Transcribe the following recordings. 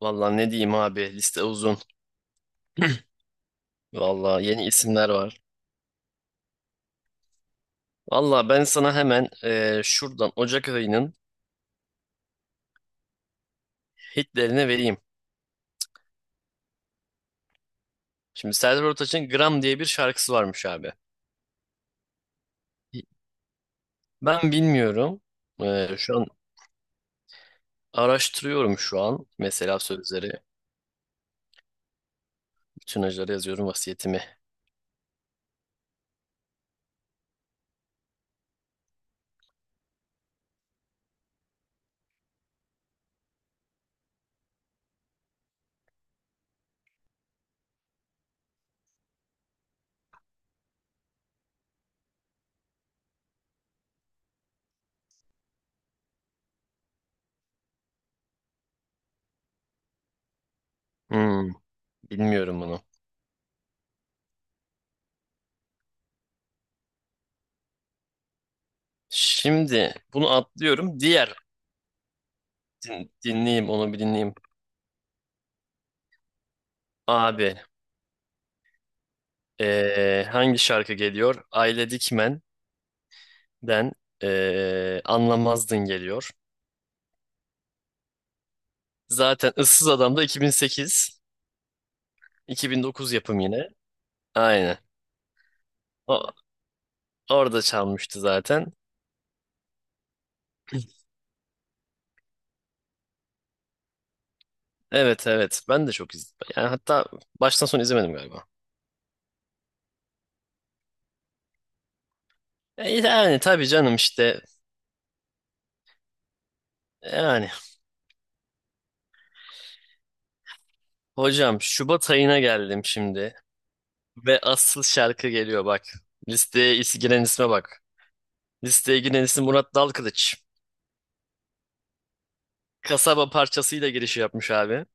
Valla ne diyeyim abi, liste uzun. Valla yeni isimler var. Valla ben sana hemen şuradan Ocak ayının hitlerini vereyim. Şimdi Serdar Ortaç'ın Gram diye bir şarkısı varmış abi. Ben bilmiyorum. Şu an araştırıyorum şu an. Mesela sözleri. Bütün acıları yazıyorum vasiyetimi. Hmm, bilmiyorum bunu. Şimdi bunu atlıyorum. Diğer dinleyeyim onu, bir dinleyeyim. Abi. Hangi şarkı geliyor? Aile Dikmen'den Anlamazdın geliyor. Zaten Issız Adam da 2008, 2009 yapım yine. Aynen. O, orada çalmıştı zaten. Evet evet, ben de çok izledim. Yani hatta baştan sona izlemedim galiba. Yani tabii canım işte, yani. Hocam, Şubat ayına geldim şimdi ve asıl şarkı geliyor bak. Listeye giren isme bak. Listeye giren isim Murat Dalkılıç. Kasaba parçasıyla girişi yapmış abi,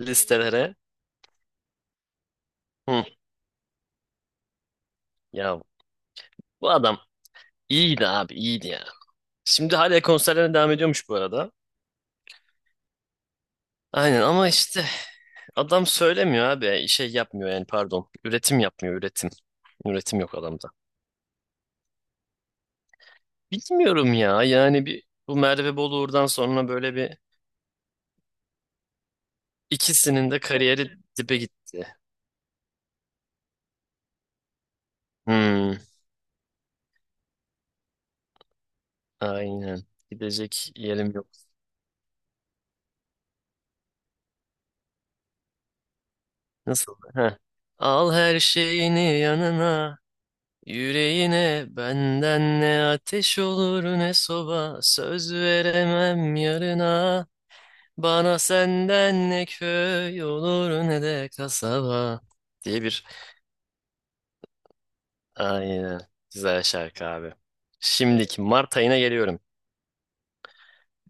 listelere. Hı. Ya bu adam iyiydi abi, iyiydi ya. Şimdi hala konserlerine devam ediyormuş bu arada. Aynen, ama işte adam söylemiyor abi. Şey yapmıyor, yani pardon. Üretim yapmıyor, üretim. Üretim yok adamda. Bilmiyorum ya, yani bir bu Merve Boluğur'dan sonra böyle bir ikisinin de kariyeri dibe gitti. Hmm, aynen. Gidecek yerim yok. Nasıl? Heh. Al her şeyini yanına. Yüreğine benden ne ateş olur ne soba, söz veremem yarına, bana senden ne köy olur ne de kasaba diye bir aynen, güzel şarkı abi. Şimdiki Mart ayına geliyorum.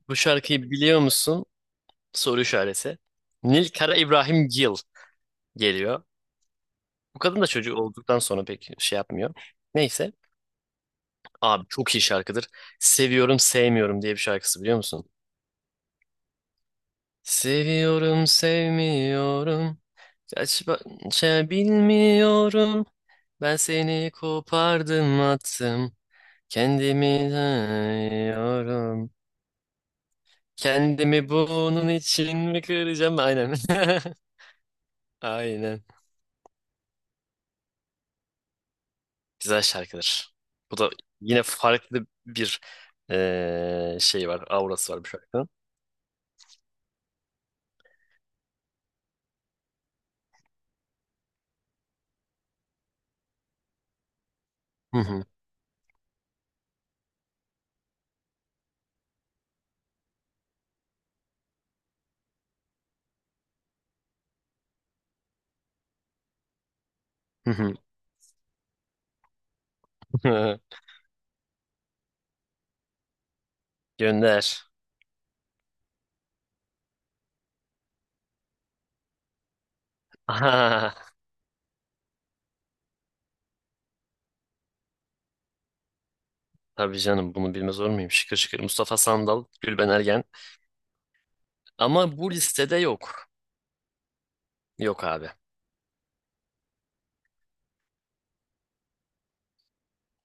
Bu şarkıyı biliyor musun? Soru işareti. Nil Kara İbrahim Gil geliyor. Bu kadın da çocuğu olduktan sonra pek şey yapmıyor. Neyse abi, çok iyi şarkıdır. Seviyorum sevmiyorum diye bir şarkısı, biliyor musun? Seviyorum, sevmiyorum. Kaç parça bilmiyorum. Ben seni kopardım, attım. Kendimi dayıyorum. Kendimi bunun için mi kıracağım? Aynen. Aynen. Güzel şarkıdır. Bu da yine farklı bir şey var. Aurası var bu şarkının. Hı hı, hı hı. Gönder. Aha, tabii canım, bunu bilmez olur muyum? Şıkır şıkır. Mustafa Sandal, Gülben Ergen. Ama bu listede yok. Yok abi.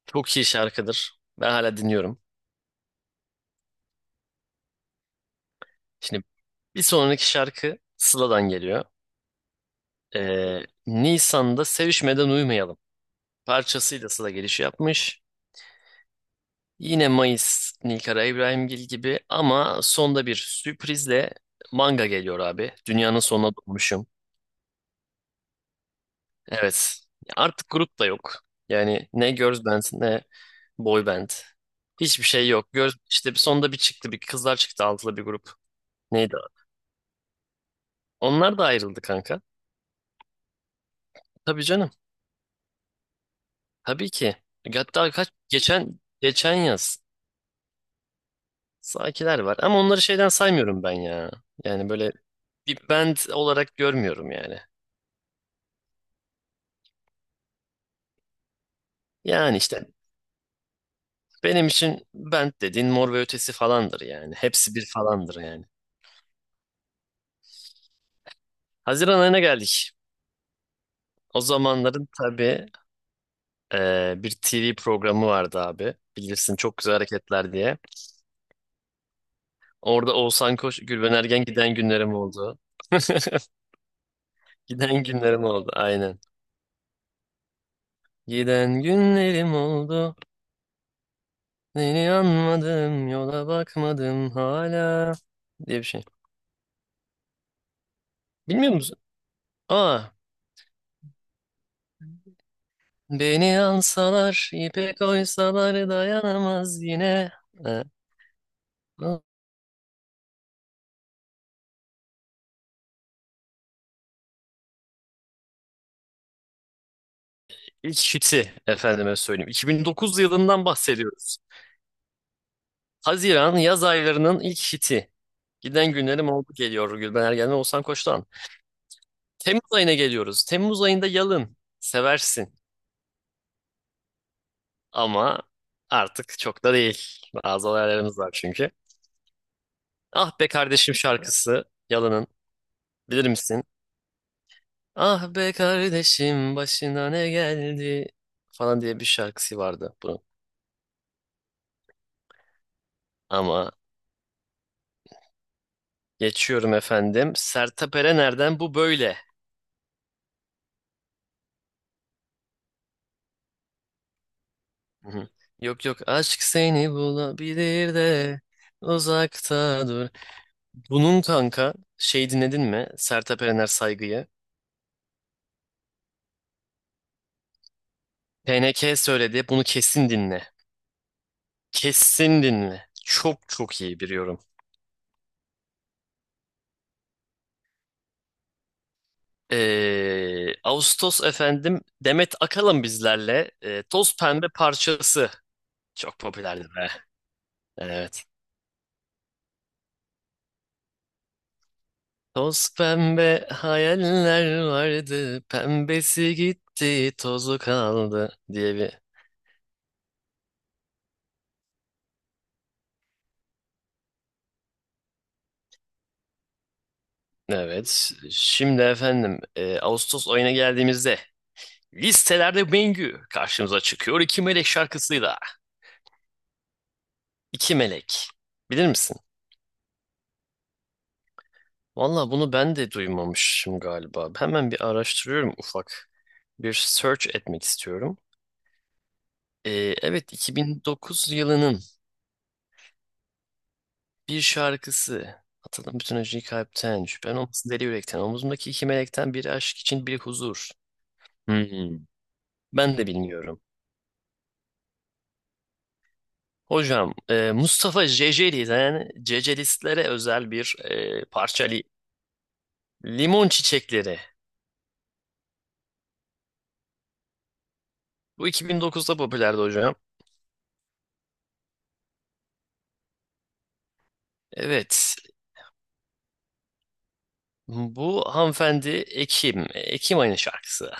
Çok iyi şarkıdır. Ben hala dinliyorum. Şimdi bir sonraki şarkı Sıla'dan geliyor. Nisan'da Sevişmeden Uyumayalım. Parçasıyla Sıla giriş yapmış. Yine Mayıs Nilkara İbrahimgil gibi, ama sonda bir sürprizle manga geliyor abi. Dünyanın sonuna doğmuşum. Evet. Artık grup da yok. Yani ne girls band ne boy band. Hiçbir şey yok. Girls, işte sonda bir çıktı, bir kızlar çıktı, altılı bir grup. Neydi? Onlar da ayrıldı kanka. Tabii canım. Tabii ki. Hatta kaç geçen yaz, Sakiler var ama onları şeyden saymıyorum ben ya. Yani böyle bir band olarak görmüyorum yani. Yani işte benim için band dediğin Mor ve Ötesi falandır yani. Hepsi bir falandır yani. Haziran ayına geldik. O zamanların tabii bir TV programı vardı abi. Bilirsin, çok güzel hareketler diye. Orada Oğuzhan Koç, Gülben Ergen giden günlerim oldu. Giden günlerim oldu aynen. Giden günlerim oldu. Seni anmadım, yola bakmadım hala diye bir şey. Bilmiyor musun? Aa, beni alsalar, ipe koysalar dayanamaz yine. Ee, İlk hiti efendime söyleyeyim. 2009 yılından bahsediyoruz. Haziran yaz aylarının ilk hiti. Giden günlerim oldu geliyor Gülben Ergen'den, Oğuzhan Koç'tan. Temmuz ayına geliyoruz. Temmuz ayında Yalın. Seversin. Ama artık çok da değil. Bazı olaylarımız var çünkü. Ah be kardeşim şarkısı. Yalın'ın. Bilir misin? Ah be kardeşim başına ne geldi falan diye bir şarkısı vardı bunun. Ama geçiyorum efendim. Sertab Erener'den bu böyle. Hı hı. Yok yok, aşk seni bulabilir de uzakta dur. Bunun kanka şey, dinledin mi? Sertab Erener Saygı'yı. PNK söyledi, bunu kesin dinle. Kesin dinle. Çok çok iyi biliyorum. Ağustos efendim, Demet Akalın bizlerle, Toz Pembe parçası. Çok popülerdi be. Evet. Toz pembe hayaller vardı. Pembesi gitti, tozu kaldı diye bir... Evet. Şimdi efendim, Ağustos ayına geldiğimizde listelerde Bengü karşımıza çıkıyor. İki Melek şarkısıyla. İki Melek. Bilir misin? Valla bunu ben de duymamışım galiba. Hemen bir araştırıyorum ufak. Bir search etmek istiyorum. Evet, 2009 yılının bir şarkısı. Atadım bütün acıyı kalpten. Şüphen olmasın deli yürekten. Omuzumdaki iki melekten biri aşk için, biri huzur. Hmm. Ben de bilmiyorum. Hocam, Mustafa Ceceli'den Cecelistlere özel bir parça, Limon Çiçekleri. Bu 2009'da popülerdi hocam. Evet. Bu hanımefendi Ekim. Ekim ayının şarkısı.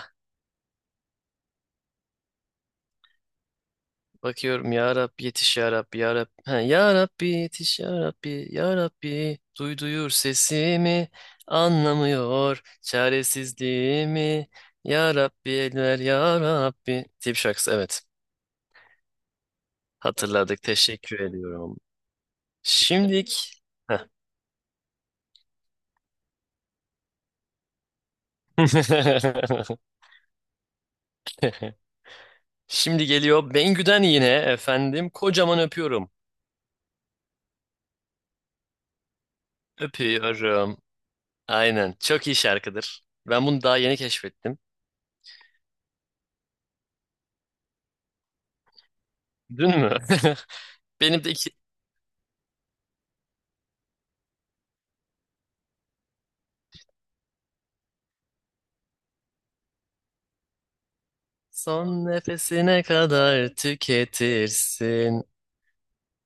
Bakıyorum ya Rabbi, yetiş ya Rabbi ya Rabbi. Ha, ya Rabbi yetiş ya Rabbi ya Rabbi. Duy, duyur sesimi, anlamıyor çaresizliğimi. Ya Rabbi eller ya Rabbi. Tip şarkısı, evet. Hatırladık, teşekkür ediyorum. Şimdik. Heh. Şimdi geliyor Bengü'den yine efendim, kocaman öpüyorum. Öpüyorum. Aynen. Çok iyi şarkıdır. Ben bunu daha yeni keşfettim. Dün mü? Benim de iki... Son nefesine kadar tüketirsin.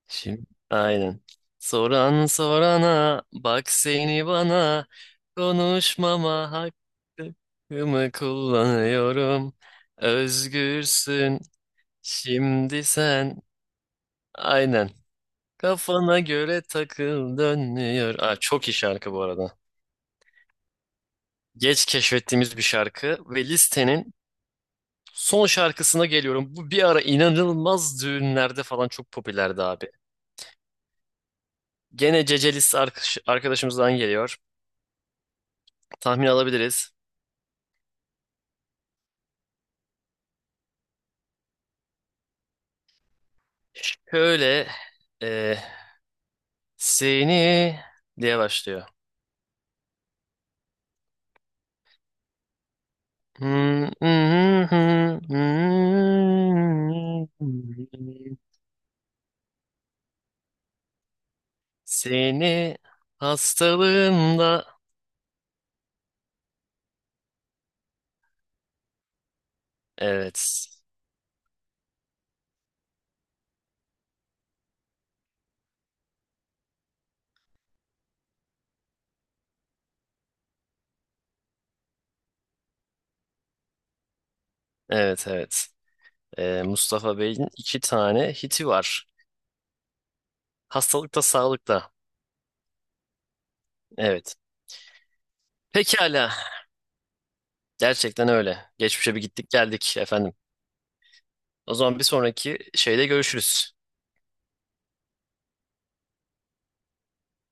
Şimdi aynen. Soran sorana bak, seni bana konuşmama hakkımı kullanıyorum. Özgürsün şimdi sen. Aynen. Kafana göre takıl, dönüyor. Aa, çok iyi şarkı bu arada. Geç keşfettiğimiz bir şarkı ve listenin son şarkısına geliyorum. Bu bir ara inanılmaz düğünlerde falan çok popülerdi abi. Gene Cece List arkadaşımızdan geliyor. Tahmin alabiliriz. Şöyle e, seni diye başlıyor. Seni hastalığında, evet evet evet. Mustafa Bey'in iki tane hiti var. Hastalıkta sağlıkta. Evet. Pekala. Gerçekten öyle. Geçmişe bir gittik geldik efendim. O zaman bir sonraki şeyde görüşürüz.